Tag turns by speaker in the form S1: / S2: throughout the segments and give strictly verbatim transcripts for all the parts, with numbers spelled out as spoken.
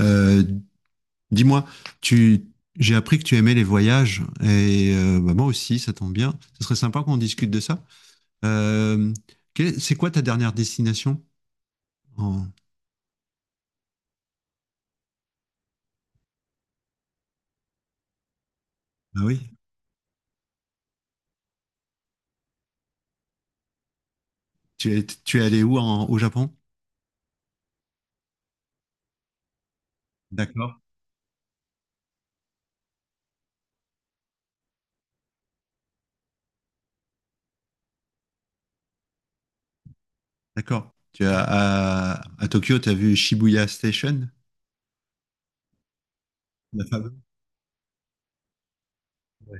S1: Euh, Dis-moi, tu, j'ai appris que tu aimais les voyages et euh, bah, moi aussi, ça tombe bien. Ce serait sympa qu'on discute de ça. Euh, quelle- c'est quoi ta dernière destination? En... Ah oui, tu es, tu es allé où en- au Japon? D'accord, d'accord. Tu as, à, à Tokyo, tu as vu Shibuya Station? La fameuse. Ouais.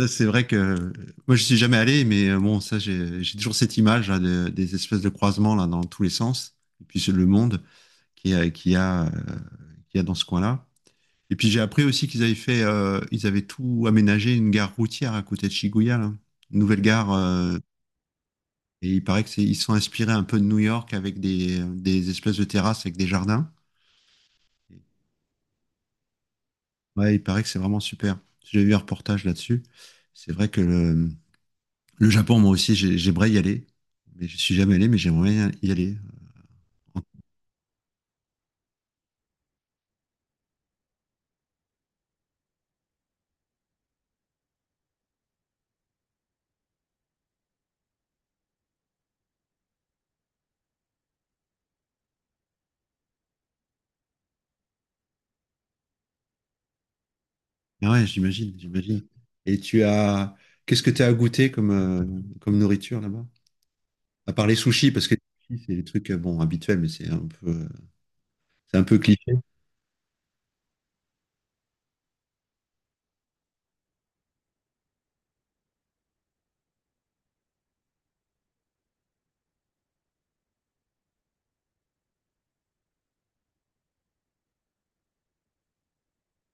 S1: Ça, c'est vrai que euh, moi, je suis jamais allé, mais euh, bon, ça, j'ai j'ai toujours cette image là, de- des espèces de croisements là, dans tous les sens, et puis c'est le monde. qui a, qui a, euh, qui a dans ce coin-là. Et puis j'ai appris aussi qu'ils avaient fait, euh, ils avaient tout aménagé une gare routière à côté de Shibuya, là. Une nouvelle gare. Euh, et il paraît que c'est, ils sont inspirés un peu de New York avec des, des espèces de terrasses avec des jardins. Ouais, il paraît que c'est vraiment super. J'ai vu un reportage là-dessus. C'est vrai que le, le Japon, moi aussi, j'ai- j'aimerais y aller. Mais je suis jamais allé, mais j'aimerais bien y aller. Ah ouais, j'imagine, j'imagine. Et tu as, Qu'est-ce que tu as à goûter comme, euh, comme nourriture là-bas? À part les sushis, parce que c'est des trucs euh, bon habituels, mais c'est un peu, euh, c'est un peu cliché.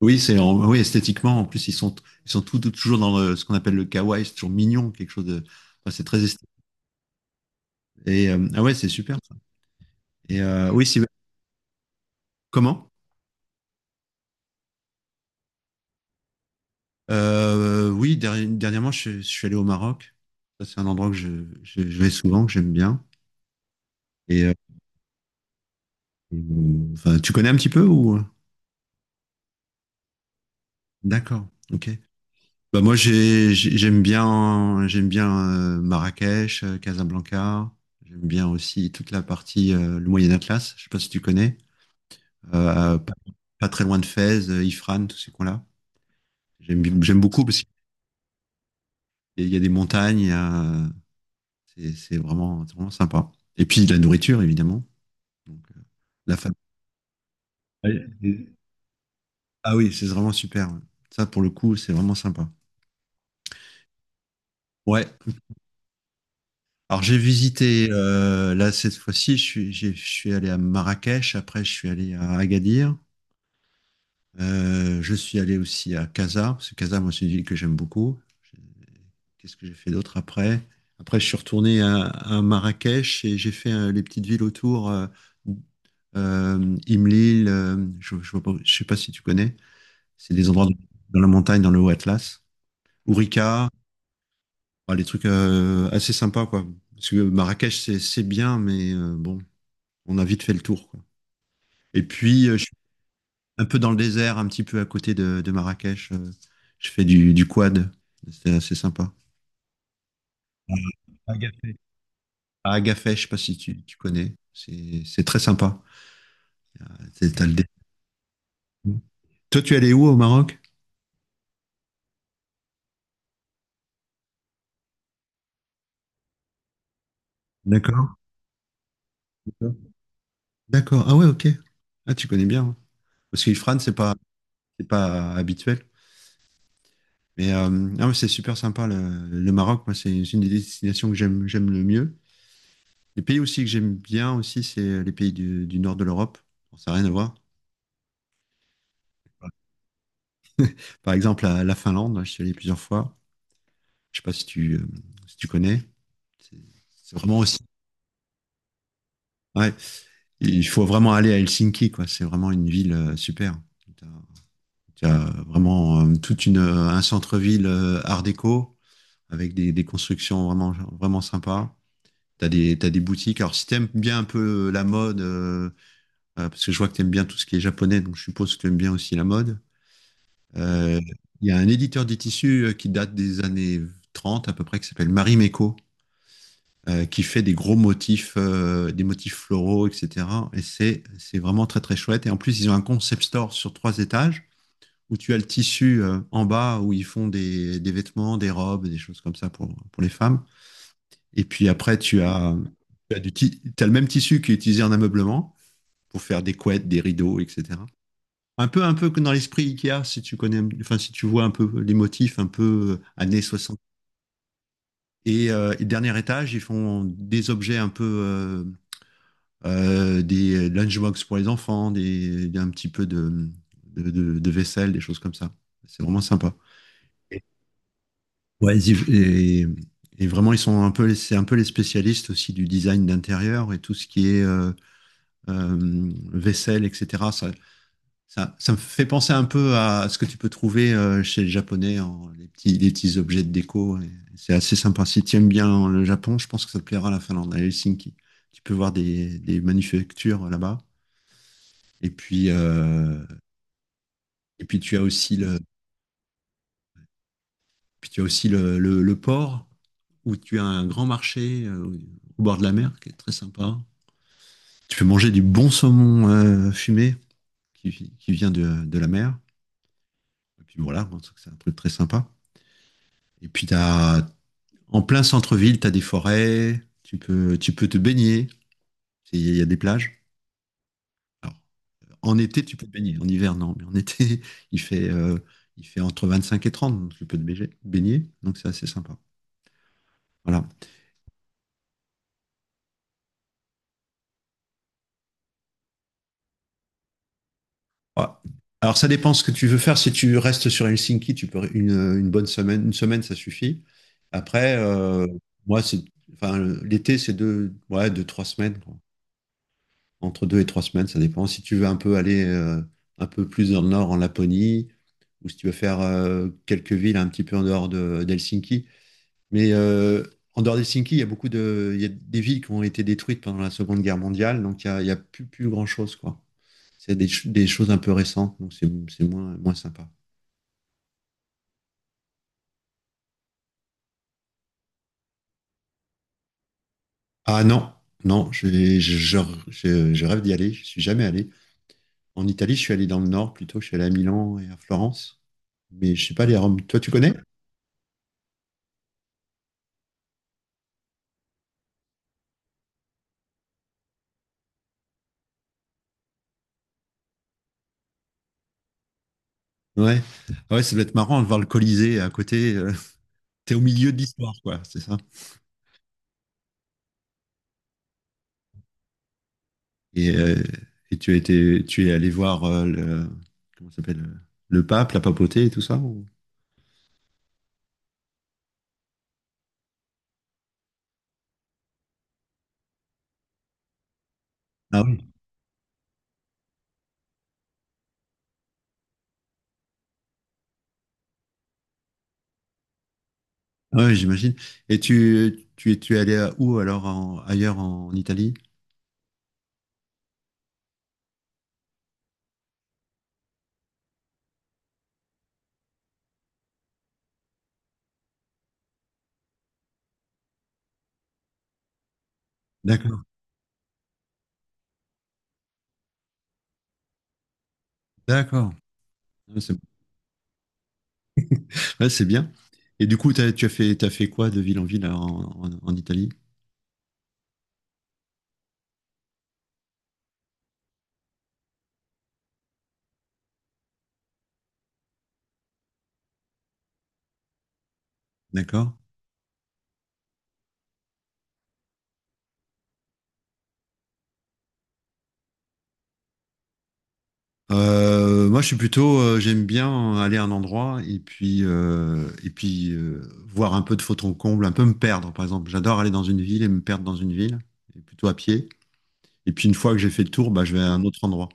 S1: Oui, c'est en- oui, esthétiquement. En plus, ils sont, ils sont tout- tout- toujours dans le- ce qu'on appelle le kawaii, c'est toujours mignon, quelque chose de. Enfin, c'est très esthétique. Et euh, ah ouais, c'est super, ça. Et euh, oui, c'est comment? Euh, oui, derri- dernièrement, je, je suis allé au Maroc. Ça, c'est un endroit que je, je- je vais souvent, que j'aime bien. Et euh, enfin, tu connais un petit peu, ou? D'accord. Ok. Bah moi, j'ai- j'ai- j'aime bien j'aime bien euh, Marrakech, euh, Casablanca. J'aime bien aussi toute la partie, euh, le Moyen Atlas. Je sais pas si tu connais. Euh, pas, Pas très loin de Fès, euh, Ifrane, tous ces coins-là. J'aime bi- j'aime beaucoup parce qu'il y a des montagnes. il y a- C'est c'est vraiment c'est vraiment sympa. Et puis de la nourriture évidemment. Donc, euh, la famille. Ah oui, c'est vraiment super. Ça pour le coup c'est vraiment sympa. Ouais. Alors j'ai visité, euh, là cette fois-ci, je suis, j'ai- je suis allé à Marrakech, après je suis allé à Agadir. Euh, je suis allé aussi à Casa, parce que Casa, moi, c'est une ville que j'aime beaucoup. Qu'est-ce que j'ai fait d'autre après? Après je suis retourné à, à Marrakech et j'ai fait euh, les petites villes autour, euh, euh, Imlil, euh, je, je vois pas- je sais pas si tu connais, c'est des endroits dans la montagne, dans le haut Atlas, Ourika, enfin, les trucs euh, assez sympas, quoi. Parce que Marrakech, c'est c'est bien, mais euh, bon, on a vite fait le tour, quoi. Et puis, euh, je suis un peu dans le désert, un petit peu à côté de, de Marrakech. Euh, je fais du, du quad. C'est assez sympa. Agafé. À Agafay, je sais pas si tu, tu connais. C'est c'est très sympa. C'est- t'as le dé- Toi, tu es allé où au Maroc? D'accord. D'accord. Ah ouais, ok. Ah, tu connais bien, hein. Parce que c'est pas, c'est pas habituel. Mais, euh, ah, ouais, c'est super sympa, le, le Maroc. Moi, c'est une des destinations que j'aime, j'aime le mieux. Les pays aussi que j'aime bien aussi, c'est les pays du, du nord de l'Europe. Bon, ça n'a rien à voir. Par exemple, la, la Finlande, je suis allé plusieurs fois. Je sais pas si tu, euh, si tu connais. C'est c'est vraiment aussi. Ouais. Il faut vraiment aller à Helsinki, quoi. C'est vraiment une ville euh, super. Tu as, Vraiment euh, toute une, euh, un centre-ville euh, art déco avec des, des constructions vraiment, vraiment sympas. Tu as des, t'as des boutiques. Alors, si t'aimes bien un peu la mode, euh, euh, parce que je vois que t'aimes bien tout ce qui est japonais, donc je suppose que t'aimes bien aussi la mode. Euh, Il y a un éditeur des tissus, euh, qui date des années trente à peu près, qui s'appelle Marie Meco, euh, qui fait des gros motifs, euh, des motifs floraux, et cetera. Et c'est c'est vraiment très très chouette. Et en plus, ils ont un concept store sur trois étages où tu as le tissu euh, en bas où ils font des, des vêtements, des robes, des choses comme ça pour, pour les femmes. Et puis après, tu as, tu as, du ti- tu le même tissu qui est utilisé en ameublement pour faire des couettes, des rideaux, et cetera. Un peu, un peu que dans l'esprit Ikea, si tu connais, enfin, si tu vois un peu les motifs, un peu euh, années soixante. Et, euh, et dernier étage, ils font des objets un peu, euh, euh, des lunchbox pour les enfants, des, un petit peu de, de, de- de vaisselle, des choses comme ça. C'est vraiment sympa. Et- Ouais, et, et- et vraiment, ils sont un peu, c'est un peu les spécialistes aussi du design d'intérieur et tout ce qui est euh, euh, vaisselle, et cetera. Ça, Ça, ça me fait penser un peu à ce que tu peux trouver euh, chez les Japonais, en, les petits, les petits objets de déco. Et c'est assez sympa. Si tu aimes bien le Japon, je pense que ça te plaira la Finlande, à Helsinki. Tu peux voir des, des manufactures là-bas. Et puis, euh, et puis tu as aussi le, puis tu as aussi le, le, le port où tu as un grand marché euh, au bord de la mer qui est très sympa. Tu peux manger du bon saumon euh, fumé qui, qui vient de, de la mer. Et puis voilà, je pense que c'est un truc très sympa. Et puis, tu as, en plein centre-ville, tu as des forêts, tu peux, tu peux te baigner, il y, a il y a des plages. Alors, en été, tu peux te baigner, en hiver, non, mais en été, il fait, euh, il fait entre vingt-cinq et trente, donc tu peux te baiger- baigner, donc c'est assez sympa. Voilà. Ouais. Alors, ça dépend ce que tu veux faire. Si tu restes sur Helsinki, tu peux une, une bonne semaine, une semaine, ça suffit. Après, euh, moi, c'est, enfin, l'été, c'est deux, ouais, deux, trois semaines, quoi. Entre deux et trois semaines, ça dépend. Si tu veux un peu aller euh, un peu plus dans le nord, en Laponie, ou si tu veux faire euh, quelques villes un petit peu en dehors de, d'Helsinki. Mais, euh, en dehors d'Helsinki, il y a beaucoup de, il y a des villes qui ont été détruites pendant la Seconde Guerre mondiale, donc il y a, il y a plus, plus grand-chose, quoi. C'est des, ch- des choses un peu récentes, donc c'est c'est moins, moins sympa. Ah non, non, je, je, je- je- je rêve d'y aller, je suis jamais allé. En Italie, je suis allé dans le nord plutôt, je suis allé à Milan et à Florence, mais je suis pas allé à Rome. Toi, tu connais? Ouais. Ah ouais, ça doit être marrant de voir le Colisée à côté, euh, t'es au milieu de l'histoire, quoi, c'est ça. Et, euh, et tu as été, tu es allé voir euh, le, comment ça s'appelle, euh, le pape, la papauté et tout ça. ou- Ah oui. Ah ouais, j'imagine. Et tu, tu, es- tu es allé à où alors en- ailleurs en Italie? D'accord. D'accord. Ouais, c'est bon. Ouais, c'est bien. Et du coup, t'as- tu as fait, t'as fait quoi de ville en ville alors, en, en- en Italie? D'accord. Euh, moi, je suis plutôt, euh, j'aime bien aller à un endroit et puis euh, et puis euh, voir un peu de fond en comble, un peu me perdre, par exemple. J'adore aller dans une ville et me perdre dans une ville, et plutôt à pied. Et puis une fois que j'ai fait le tour, bah, je vais à un autre endroit.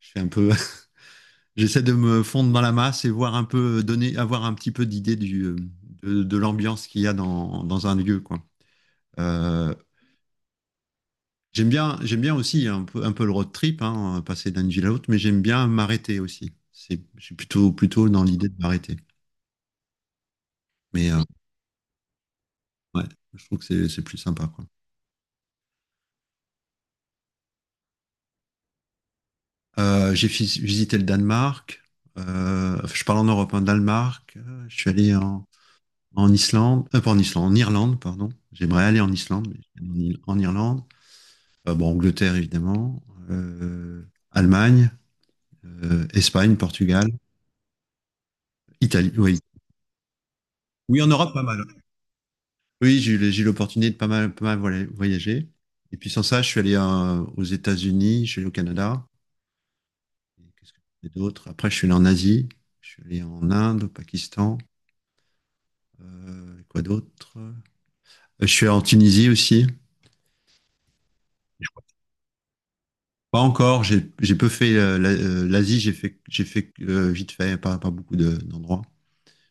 S1: Je fais un peu, j'essaie de me fondre dans la masse et voir un peu, donner, avoir un petit peu d'idée du euh, de, de l'ambiance qu'il y a dans, dans un lieu, quoi. Euh, J'aime bien, j'aime bien aussi un peu, un peu le road trip, hein, passer d'une ville à l'autre, mais j'aime bien m'arrêter aussi. C'est, je suis plutôt, plutôt dans l'idée de m'arrêter. Mais, euh, ouais, je trouve que c'est, c'est plus sympa, quoi. Euh, j'ai fis- visité le Danemark. Euh, je parle en Europe, hein, Danemark. Euh, je suis allé en, en Islande, euh, pas en Islande, en Irlande, pardon. J'aimerais aller en Islande, mais je suis allé en, Ir- en Irlande. Euh, bon, Angleterre, évidemment. euh, Allemagne, euh, Espagne, Portugal, Italie. Oui. Oui, en Europe, pas mal. Oui, j'ai eu le- j'ai eu l'opportunité de pas mal, pas mal voilà, voyager. Et puis sans ça, je suis allé euh, aux États-Unis, je suis allé au Canada. Et qu'est-ce que j'ai fait d'autre? Après, je suis allé en Asie, je suis allé en Inde, au Pakistan. Euh, quoi d'autre? Euh, Je suis allé en Tunisie aussi. Je crois que Pas encore. J'ai j'ai peu fait euh, la- euh, l'Asie. J'ai fait j'ai fait euh, vite fait, pas pas beaucoup de- d'endroits.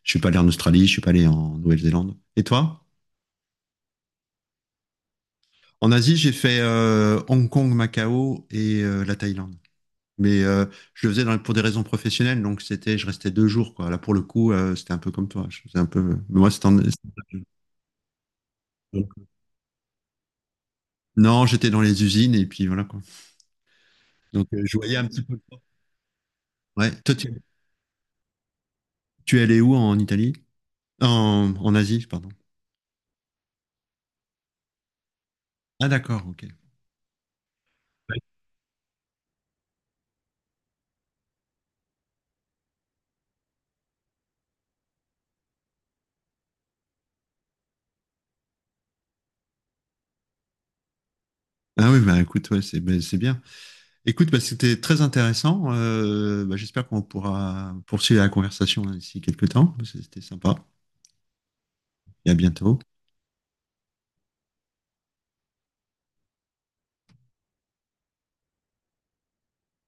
S1: Je suis pas allé en Australie. Je suis pas allé en Nouvelle-Zélande. Et toi? En Asie, j'ai fait euh, Hong Kong, Macao et euh, la Thaïlande. Mais, euh, je le faisais dans- pour des raisons professionnelles, donc c'était, je restais deux jours, quoi. Là, pour le coup, euh, c'était un peu comme toi. Je faisais un peu, mais moi, c'était en- donc non, j'étais dans les usines et puis voilà, quoi. Donc, euh, je voyais un petit peu. Ouais. Toi, tu, tu es allé où en Italie? En, en Asie, pardon. Ah, d'accord, ok. Ah oui, bah, écoute, ouais, c'est bah, c'est bien. Écoute, bah, c'était très intéressant. Euh, bah, j'espère qu'on pourra poursuivre la conversation, hein, d'ici quelques temps. C'était sympa. Et à bientôt.